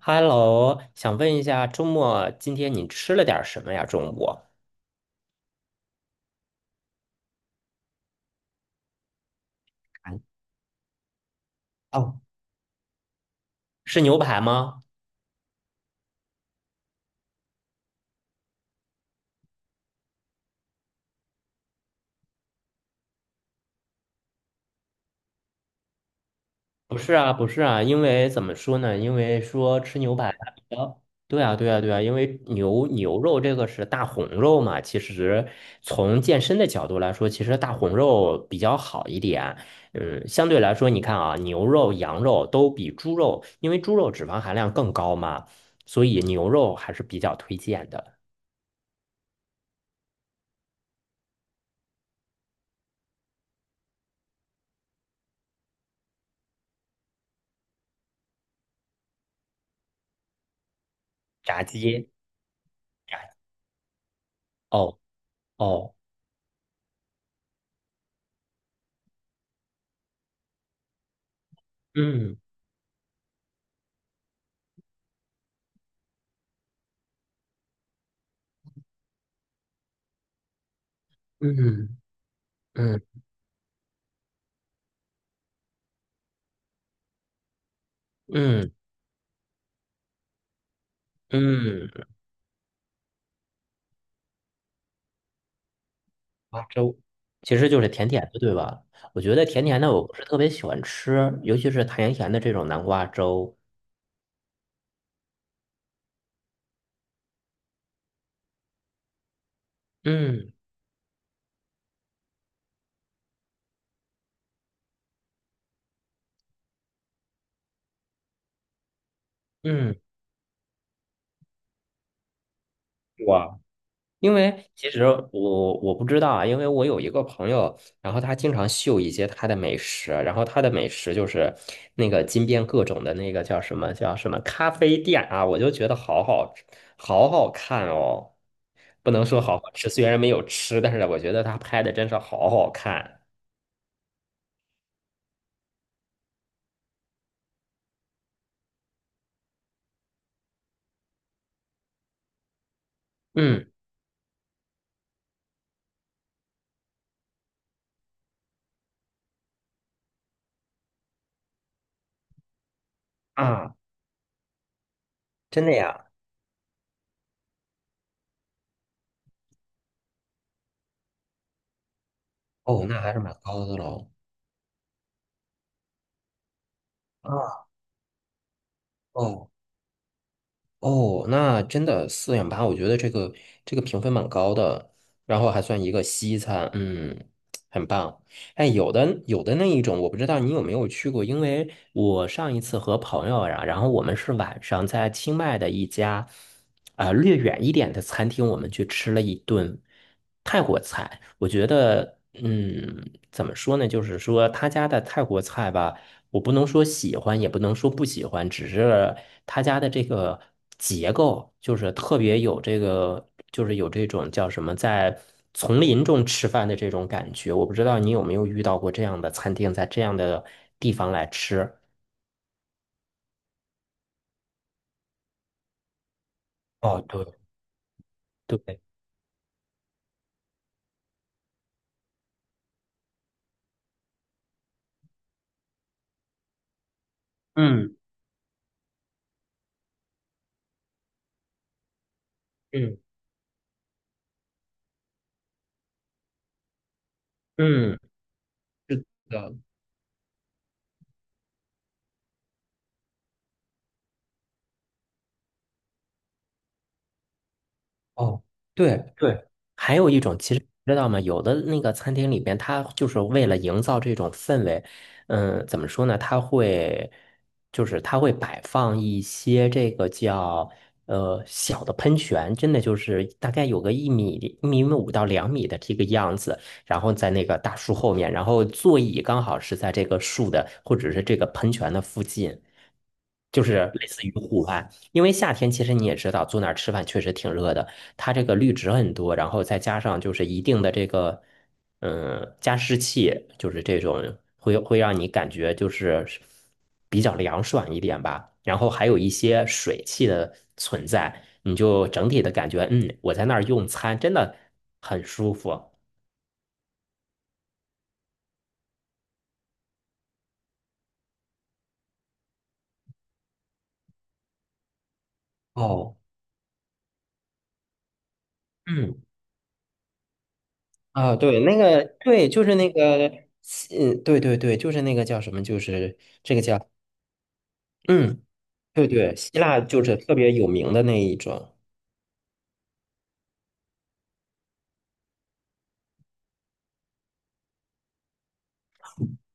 Hello，想问一下，周末今天你吃了点儿什么呀？中午哦，是牛排吗？不是啊，不是啊，因为怎么说呢？因为说吃牛排它比较，对啊，对啊，对啊，因为牛肉这个是大红肉嘛，其实从健身的角度来说，其实大红肉比较好一点。嗯，相对来说，你看啊，牛肉、羊肉都比猪肉，因为猪肉脂肪含量更高嘛，所以牛肉还是比较推荐的。炸鸡。哦，哦，嗯嗯嗯嗯嗯，花粥其实就是甜甜的，对吧？我觉得甜甜的我不是特别喜欢吃，尤其是甜甜的这种南瓜粥。嗯嗯，哇。因为其实我不知道啊，因为我有一个朋友，然后他经常秀一些他的美食，然后他的美食就是那个金边各种的那个叫什么叫什么咖啡店啊，我就觉得好好吃好好看哦，不能说好好吃，虽然没有吃，但是我觉得他拍的真是好好看。嗯啊，真的呀，哦，那还是蛮高的喽。啊，哦。哦，那真的4.8，我觉得这个评分蛮高的，然后还算一个西餐，嗯，很棒。哎，有的那一种，我不知道你有没有去过，因为我上一次和朋友呀、然后我们是晚上在清迈的一家，略远一点的餐厅，我们去吃了一顿泰国菜。我觉得，嗯，怎么说呢？就是说他家的泰国菜吧。我不能说喜欢，也不能说不喜欢，只是他家的这个结构就是特别有这个，就是有这种叫什么，在丛林中吃饭的这种感觉。我不知道你有没有遇到过这样的餐厅，在这样的地方来吃。哦，对对，嗯嗯嗯，是的，哦，对对。知道吗？有的那个餐厅里边，它就是为了营造这种氛围，嗯，怎么说呢？它会，就是它会摆放一些这个叫小的喷泉，真的就是大概有个一米、1米5到2米的这个样子，然后在那个大树后面，然后座椅刚好是在这个树的或者是这个喷泉的附近，就是类似于户外。因为夏天其实你也知道，坐那儿吃饭确实挺热的。它这个绿植很多，然后再加上就是一定的这个，嗯，加湿器，就是这种会让你感觉就是比较凉爽一点吧。然后还有一些水汽的存在，你就整体的感觉，嗯，我在那儿用餐真的很舒服。哦。嗯，啊，对，那个，对，就是那个，嗯，对对对，就是那个叫什么，就是这个叫，嗯，对对，希腊就是特别有名的那一种，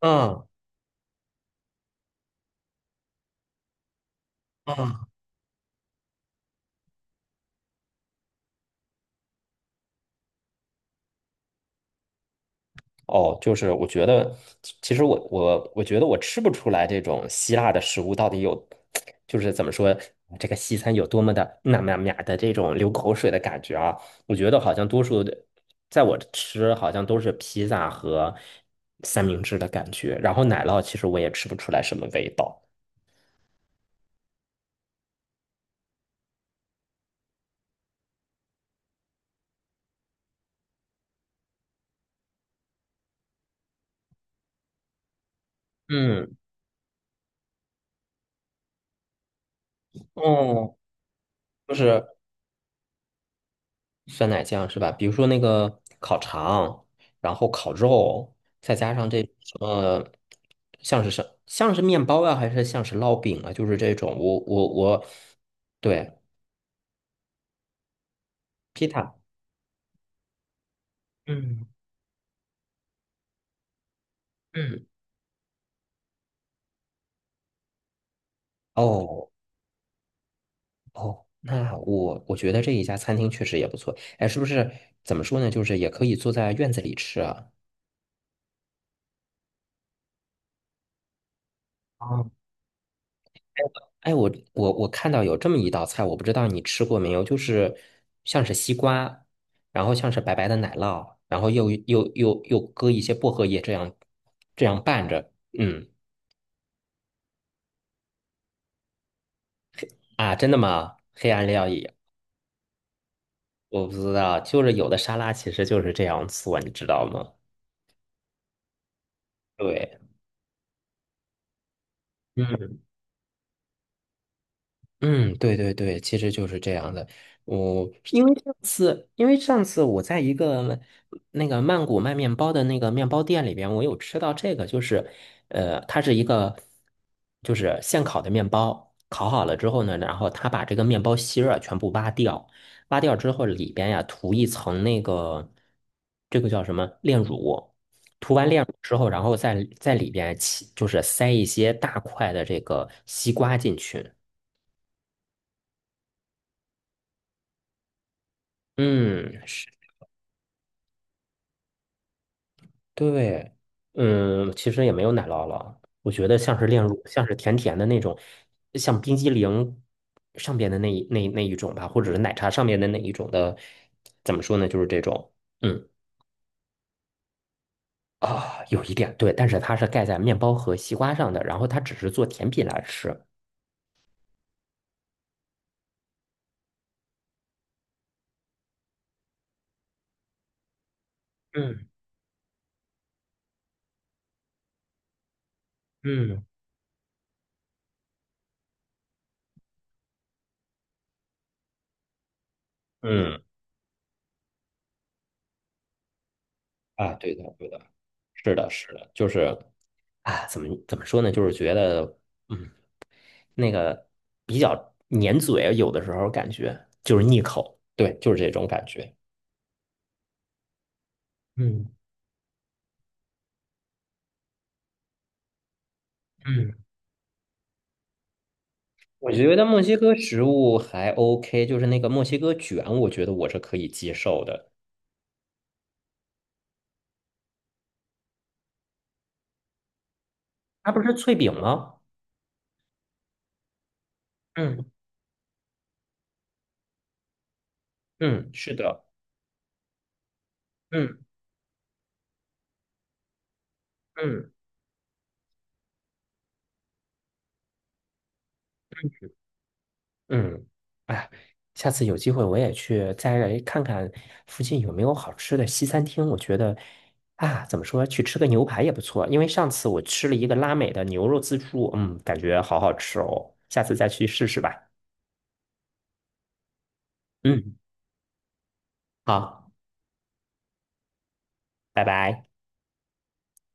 嗯嗯，哦，就是我觉得，其实我觉得我吃不出来这种希腊的食物到底有，就是怎么说，这个西餐有多么的那么呀的这种流口水的感觉啊！我觉得好像多数的，在我吃好像都是披萨和三明治的感觉，然后奶酪其实我也吃不出来什么味道。嗯，嗯，就是酸奶酱是吧？比如说那个烤肠，然后烤肉，再加上这什么，像是面包啊，还是像是烙饼啊？就是这种，我我我，对披萨。嗯嗯，哦哦，那我觉得这一家餐厅确实也不错。哎，是不是怎么说呢？就是也可以坐在院子里吃啊。哎，我看到有这么一道菜，我不知道你吃过没有，就是像是西瓜，然后像是白白的奶酪，然后又搁一些薄荷叶，这样拌着。嗯啊，真的吗？黑暗料理我不知道，就是有的沙拉其实就是这样做，你知道吗？对，嗯。嗯，对对对，其实就是这样的。我因为上次我在一个那个曼谷卖面包的那个面包店里边，我有吃到这个，就是它是一个就是现烤的面包，烤好了之后呢，然后他把这个面包芯儿啊全部挖掉，挖掉之后里边呀涂一层那个这个叫什么炼乳，涂完炼乳之后，然后再在里边起就是塞一些大块的这个西瓜进去。嗯，是对，嗯，其实也没有奶酪了，我觉得像是炼乳，像是甜甜的那种，像冰激凌上边的那一种吧，或者是奶茶上面的那一种的，怎么说呢，就是这种，嗯啊，有一点对，但是它是盖在面包和西瓜上的，然后它只是做甜品来吃，嗯嗯嗯，啊，对的对的，是的是的，就是啊，怎么说呢，就是觉得。嗯。那个比较粘嘴，有的时候感觉就是腻口，对，就是这种感觉。嗯嗯，我觉得墨西哥食物还 OK，就是那个墨西哥卷，我觉得我是可以接受的。它不是脆饼吗？嗯嗯，是的，嗯嗯。嗯，哎呀下次有机会我也去再来看看附近有没有好吃的西餐厅。我觉得啊，怎么说，去吃个牛排也不错。因为上次我吃了一个拉美的牛肉自助，嗯，感觉好好吃哦。下次再去试试吧。嗯，好，拜拜。